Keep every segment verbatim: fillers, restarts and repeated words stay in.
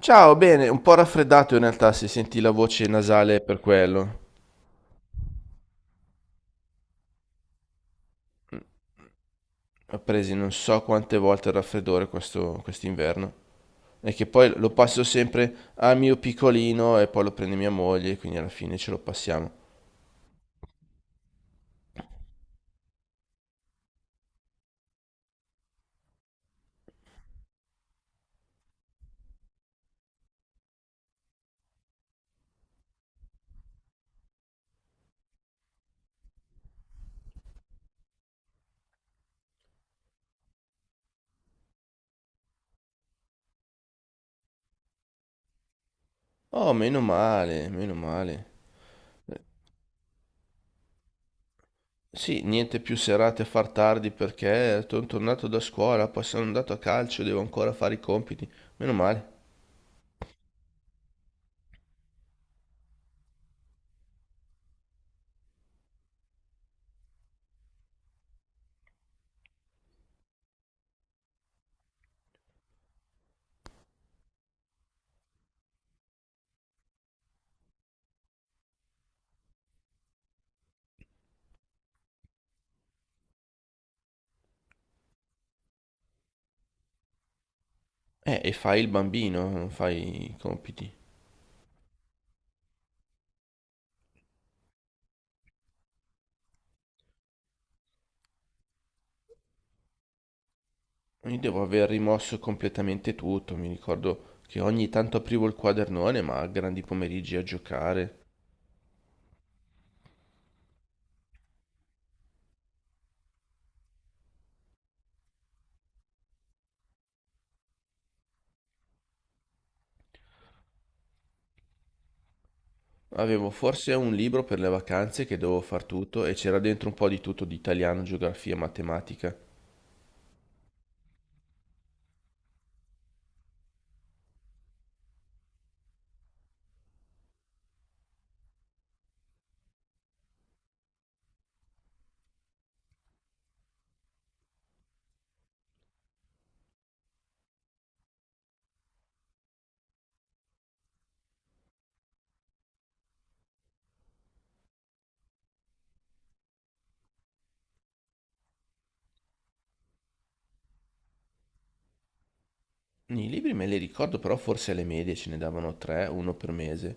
Ciao, bene, un po' raffreddato in realtà, si sentì la voce nasale per quello. Ho preso non so quante volte il raffreddore questo quest'inverno. E che poi lo passo sempre al mio piccolino e poi lo prende mia moglie, quindi alla fine ce lo passiamo. Oh, meno male, meno male. Eh, Sì, niente più serate a far tardi perché sono tornato da scuola, poi sono andato a calcio, devo ancora fare i compiti. Meno male. Eh, e fai il bambino, non fai i compiti. Io devo aver rimosso completamente tutto. Mi ricordo che ogni tanto aprivo il quadernone, ma a grandi pomeriggi a giocare. Avevo forse un libro per le vacanze che dovevo far tutto e c'era dentro un po' di tutto di italiano, geografia, matematica. I libri me li ricordo, però forse alle medie ce ne davano tre, uno per mese.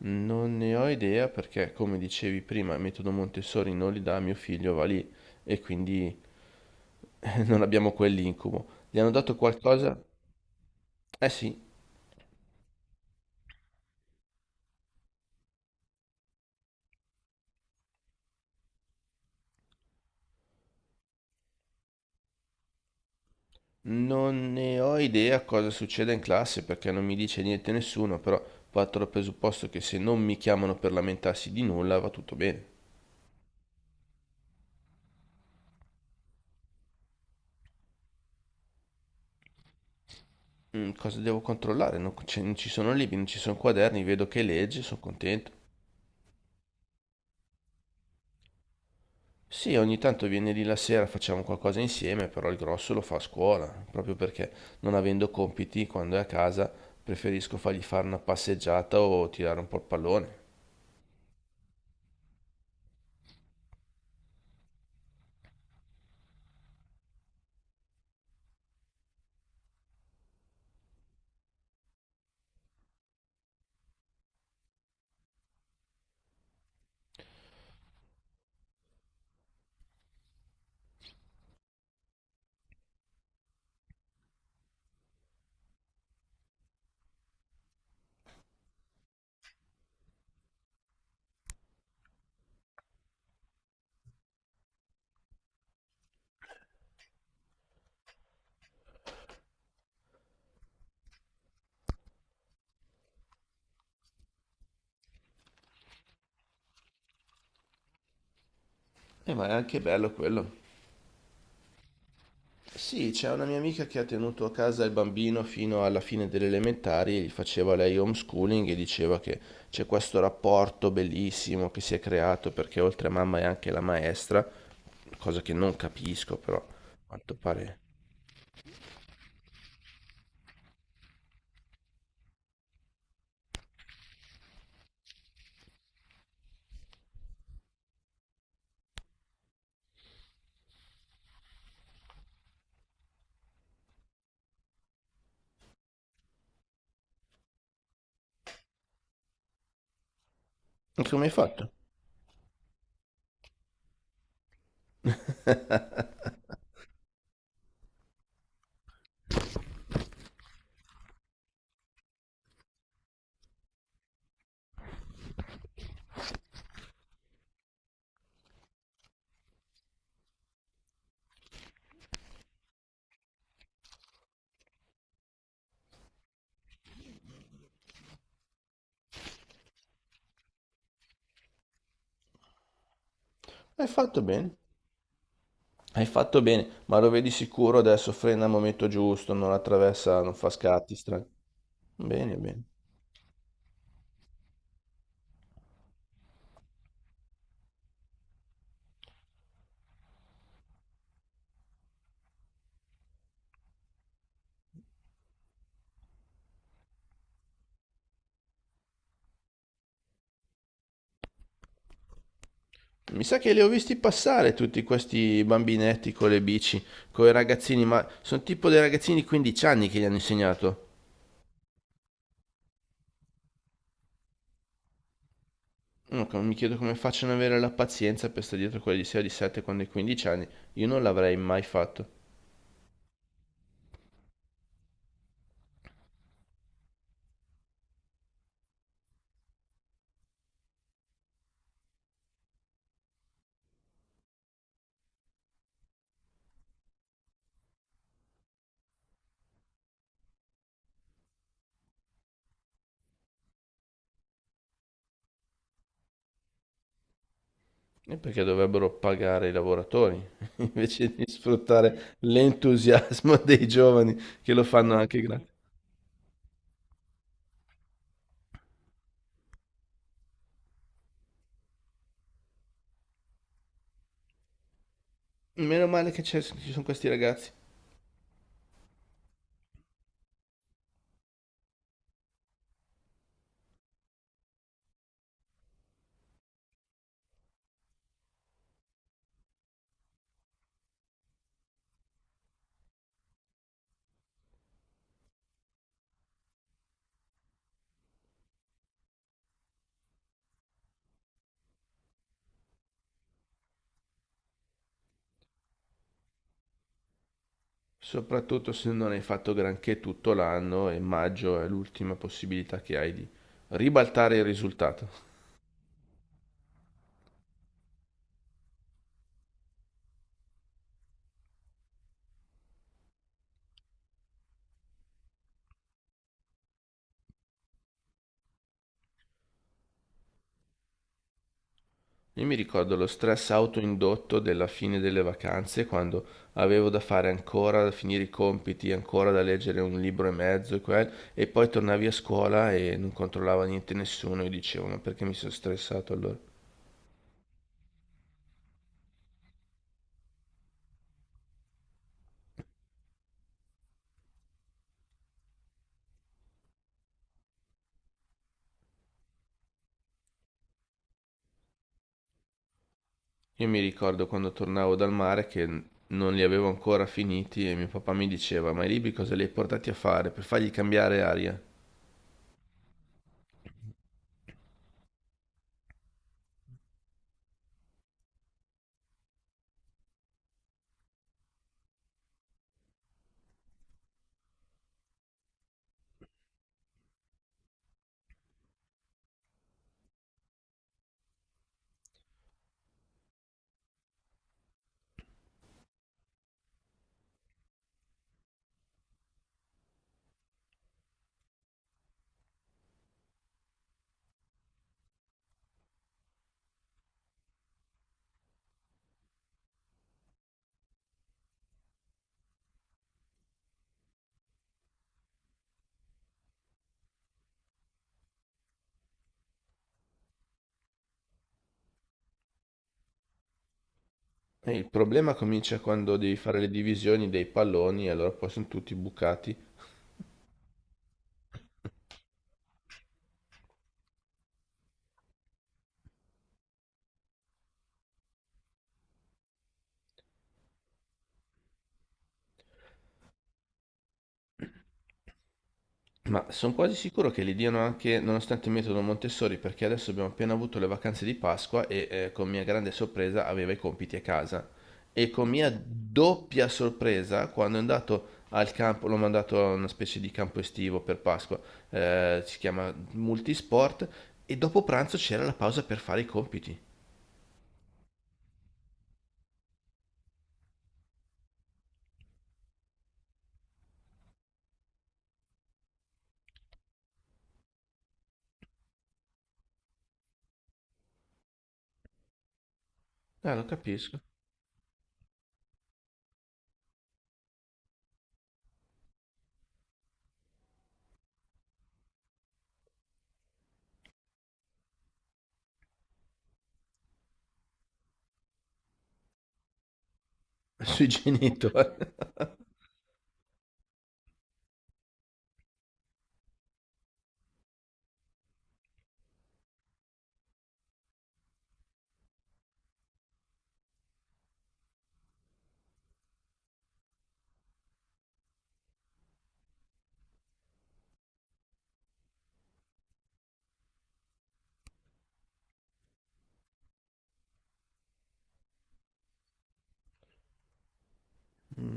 Non ne ho idea perché, come dicevi prima, il metodo Montessori non li dà, mio figlio va lì e quindi non abbiamo quell'incubo. Gli hanno dato qualcosa? Eh sì. Non ne ho idea cosa succeda in classe perché non mi dice niente nessuno, però parto dal presupposto che se non mi chiamano per lamentarsi di nulla va tutto bene. Mm, cosa devo controllare? Non, c'è- non ci sono libri, non ci sono quaderni, vedo che legge, sono contento. Sì, ogni tanto viene lì la sera, facciamo qualcosa insieme, però il grosso lo fa a scuola, proprio perché non avendo compiti, quando è a casa, preferisco fargli fare una passeggiata o tirare un po' il pallone. E ma è anche bello quello. Sì, c'è una mia amica che ha tenuto a casa il bambino fino alla fine delle elementari, gli faceva lei homeschooling e diceva che c'è questo rapporto bellissimo che si è creato perché oltre a mamma è anche la maestra, cosa che non capisco però, a quanto pare. E come hai fatto? Hai fatto bene, hai fatto bene, ma lo vedi sicuro adesso, frena al momento giusto, non attraversa, non fa scatti strani. Bene, bene. Mi sa che li ho visti passare tutti questi bambinetti con le bici, con i ragazzini, ma sono tipo dei ragazzini di quindici anni che gli hanno insegnato. Mm, com- Mi chiedo come facciano ad avere la pazienza per stare dietro quelli di sei o di sette quando hai quindici anni. Io non l'avrei mai fatto. E perché dovrebbero pagare i lavoratori invece di sfruttare l'entusiasmo dei giovani che lo fanno anche gratis. Meno male che c'è- Ci sono questi ragazzi, soprattutto se non hai fatto granché tutto l'anno e maggio è l'ultima possibilità che hai di ribaltare il risultato. Io mi ricordo lo stress autoindotto della fine delle vacanze, quando avevo da fare ancora, da finire i compiti, ancora da leggere un libro e mezzo e quel, e poi tornavi a scuola e non controllava niente nessuno e dicevo, ma perché mi sono stressato allora? Io mi ricordo quando tornavo dal mare che non li avevo ancora finiti e mio papà mi diceva, ma i libri cosa li hai portati a fare? Per fargli cambiare aria? E il problema comincia quando devi fare le divisioni dei palloni, e allora poi sono tutti bucati. Ma sono quasi sicuro che li diano anche nonostante il metodo Montessori, perché adesso abbiamo appena avuto le vacanze di Pasqua e eh, con mia grande sorpresa aveva i compiti a casa. E con mia doppia sorpresa, quando è andato al campo, l'ho mandato a una specie di campo estivo per Pasqua, eh, si chiama Multisport, e dopo pranzo c'era la pausa per fare i compiti. Ah, lo capisco. Sui genitori.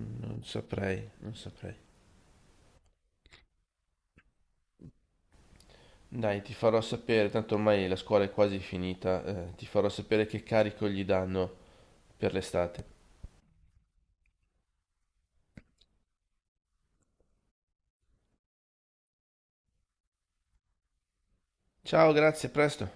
Non saprei, non saprei. Dai, ti farò sapere, tanto ormai la scuola è quasi finita, eh, ti farò sapere che carico gli danno per l'estate. Ciao, grazie, a presto.